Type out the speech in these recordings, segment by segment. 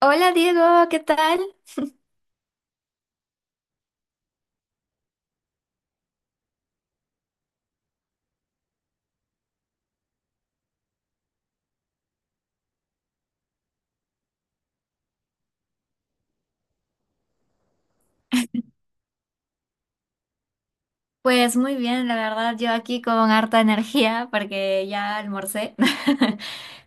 Hola Diego, ¿qué tal? Pues muy bien, la verdad, yo aquí con harta energía porque ya almorcé.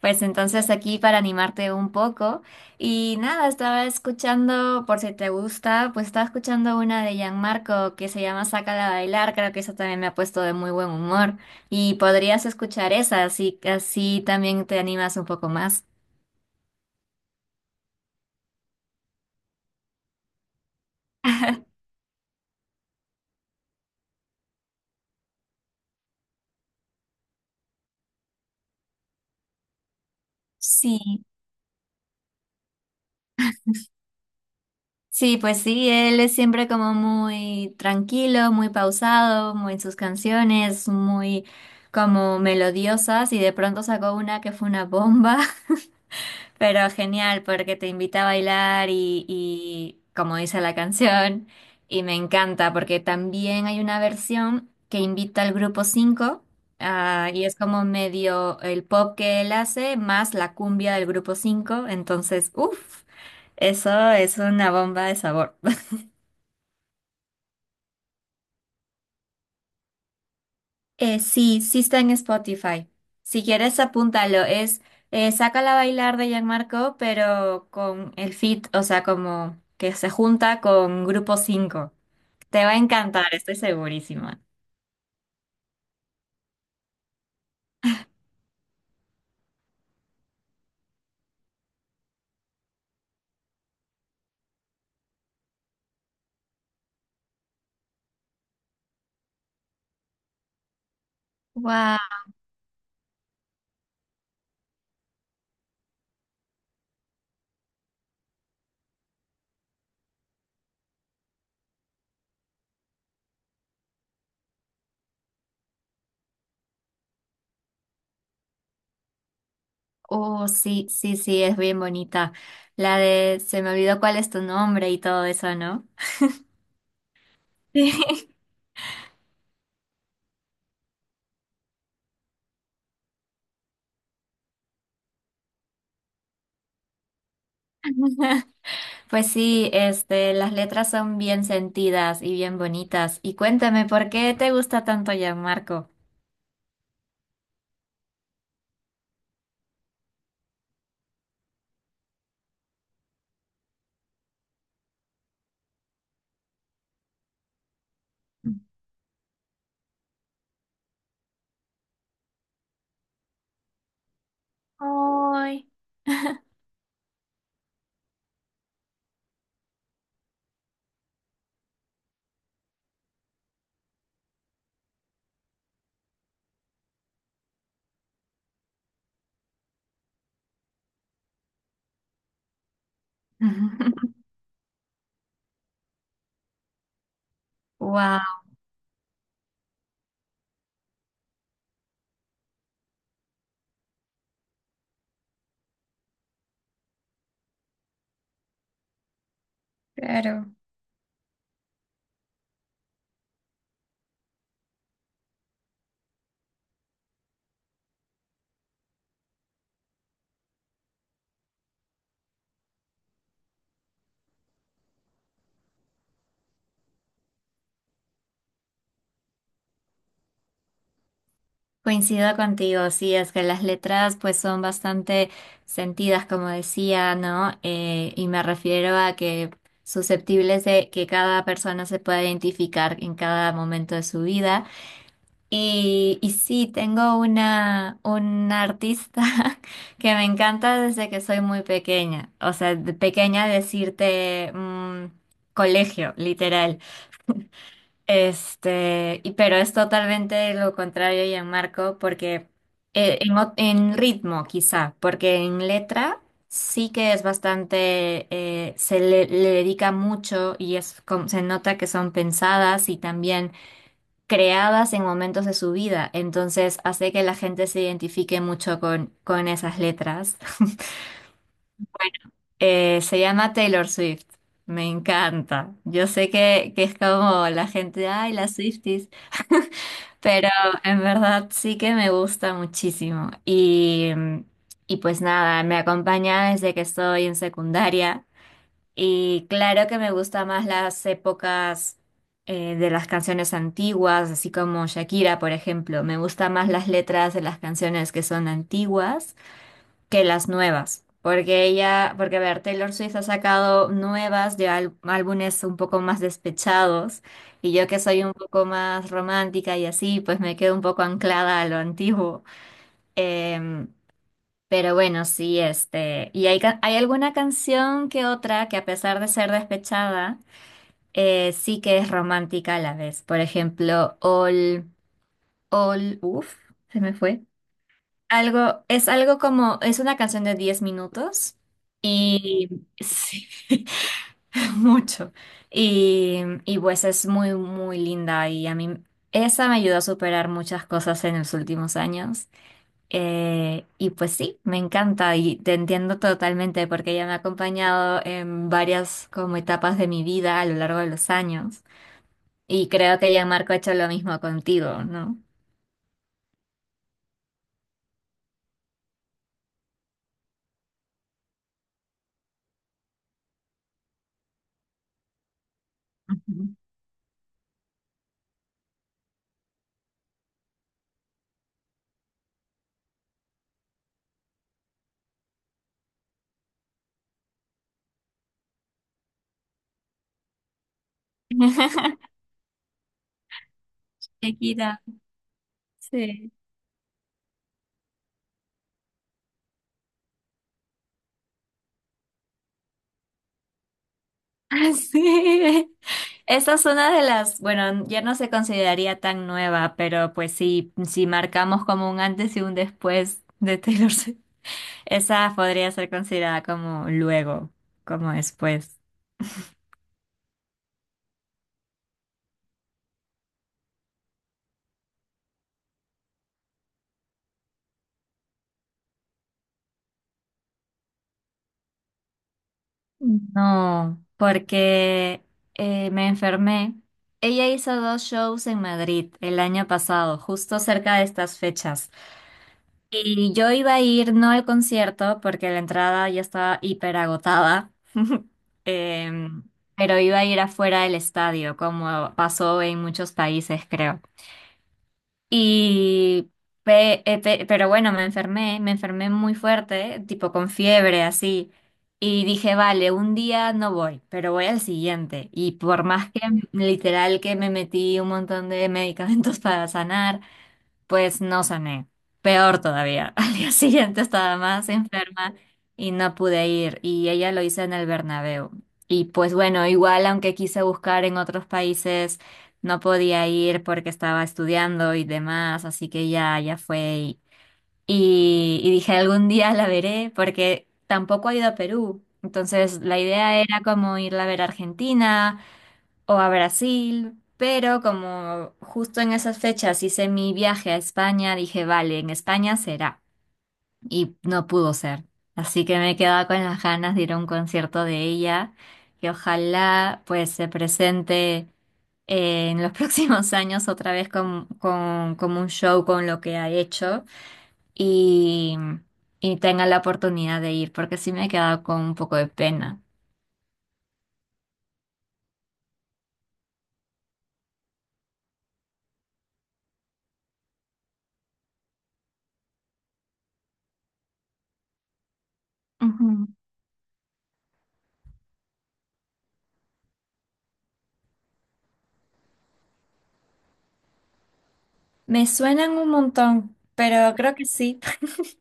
Pues entonces aquí para animarte un poco. Y nada, estaba escuchando, por si te gusta, estaba escuchando una de Gianmarco que se llama Sácala a bailar, creo que eso también me ha puesto de muy buen humor. Y podrías escuchar esa, así, así también te animas un poco más. Sí. Sí, pues sí, él es siempre como muy tranquilo, muy pausado, muy en sus canciones, muy como melodiosas, y de pronto sacó una que fue una bomba, pero genial porque te invita a bailar y como dice la canción. Y me encanta porque también hay una versión que invita al Grupo 5, ah, y es como medio el pop que él hace más la cumbia del Grupo 5. Entonces, uff, eso es una bomba de sabor. Sí, sí está en Spotify. Si quieres, apúntalo. Es Sácala a bailar de Gianmarco, pero con el feat, o sea, como que se junta con Grupo 5. Te va a encantar, estoy segurísima. Wow, oh, sí, sí, sí, es bien bonita. La de se me olvidó cuál es tu nombre y todo eso, ¿no? Pues sí, este, las letras son bien sentidas y bien bonitas. Y cuéntame, ¿por qué te gusta tanto Gianmarco? Ay. Wow, claro. Coincido contigo, sí, es que las letras pues son bastante sentidas, como decía, ¿no? Y me refiero a que susceptibles de que cada persona se pueda identificar en cada momento de su vida. Y sí, tengo una artista que me encanta desde que soy muy pequeña, o sea, de pequeña decirte mm, colegio, literal. Este, pero es totalmente lo contrario, Gianmarco, porque en ritmo quizá, porque en letra sí que es bastante, se le, le dedica mucho y es, se nota que son pensadas y también creadas en momentos de su vida, entonces hace que la gente se identifique mucho con esas letras. Bueno, se llama Taylor Swift. Me encanta. Yo sé que es como la gente, ay, las Swifties. Pero en verdad sí que me gusta muchísimo. Y pues nada, me acompaña desde que estoy en secundaria. Y claro que me gusta más las épocas de las canciones antiguas, así como Shakira, por ejemplo. Me gusta más las letras de las canciones que son antiguas que las nuevas, porque porque a ver, Taylor Swift ha sacado nuevas de álbumes un poco más despechados, y yo que soy un poco más romántica y así, pues me quedo un poco anclada a lo antiguo. Em, pero bueno, sí, este, y hay alguna canción que otra que, a pesar de ser despechada, sí que es romántica a la vez. Por ejemplo, All, uff, se me fue. Es algo como, es una canción de 10 minutos y sí, mucho. Y pues es muy, muy linda, y a mí esa me ayudó a superar muchas cosas en los últimos años. Y pues sí, me encanta, y te entiendo totalmente porque ella me ha acompañado en varias como etapas de mi vida a lo largo de los años. Y creo que ya Marco ha hecho lo mismo contigo, ¿no? Ujú. Te sí. Ah, sí, esa es una de las, bueno, ya no se consideraría tan nueva, pero pues sí, si marcamos como un antes y un después de Taylor Swift, esa podría ser considerada como luego, como después. No, porque me enfermé. Ella hizo dos shows en Madrid el año pasado, justo cerca de estas fechas. Y yo iba a ir no al concierto porque la entrada ya estaba hiper agotada. Em, pero iba a ir afuera del estadio, como pasó en muchos países, creo. Y, pero bueno, me enfermé muy fuerte, tipo con fiebre, así. Y dije, vale, un día no voy, pero voy al siguiente. Y por más que literal que me metí un montón de medicamentos para sanar, pues no sané. Peor todavía. Al día siguiente estaba más enferma y no pude ir. Y ella lo hizo en el Bernabéu. Y pues bueno, igual aunque quise buscar en otros países, no podía ir porque estaba estudiando y demás. Así que ya, ya fue. Y dije, algún día la veré porque tampoco ha ido a Perú. Entonces la idea era como irla a ver a Argentina o a Brasil, pero como justo en esas fechas hice mi viaje a España, dije, vale, en España será. Y no pudo ser. Así que me he quedado con las ganas de ir a un concierto de ella, que ojalá pues se presente en los próximos años otra vez como un show con lo que ha hecho, y tenga la oportunidad de ir, porque sí me he quedado con un poco de pena. Ujú. Me suenan un montón, pero creo que sí.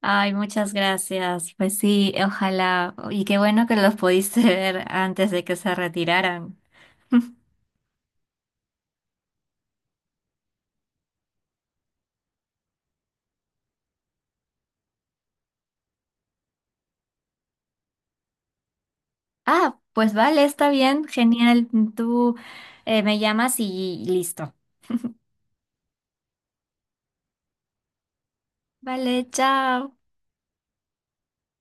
Ay, muchas gracias. Pues sí, ojalá. Y qué bueno que los pudiste ver antes de que se retiraran. Ah, pues vale, está bien, genial. Tú me llamas y listo. Vale, chao.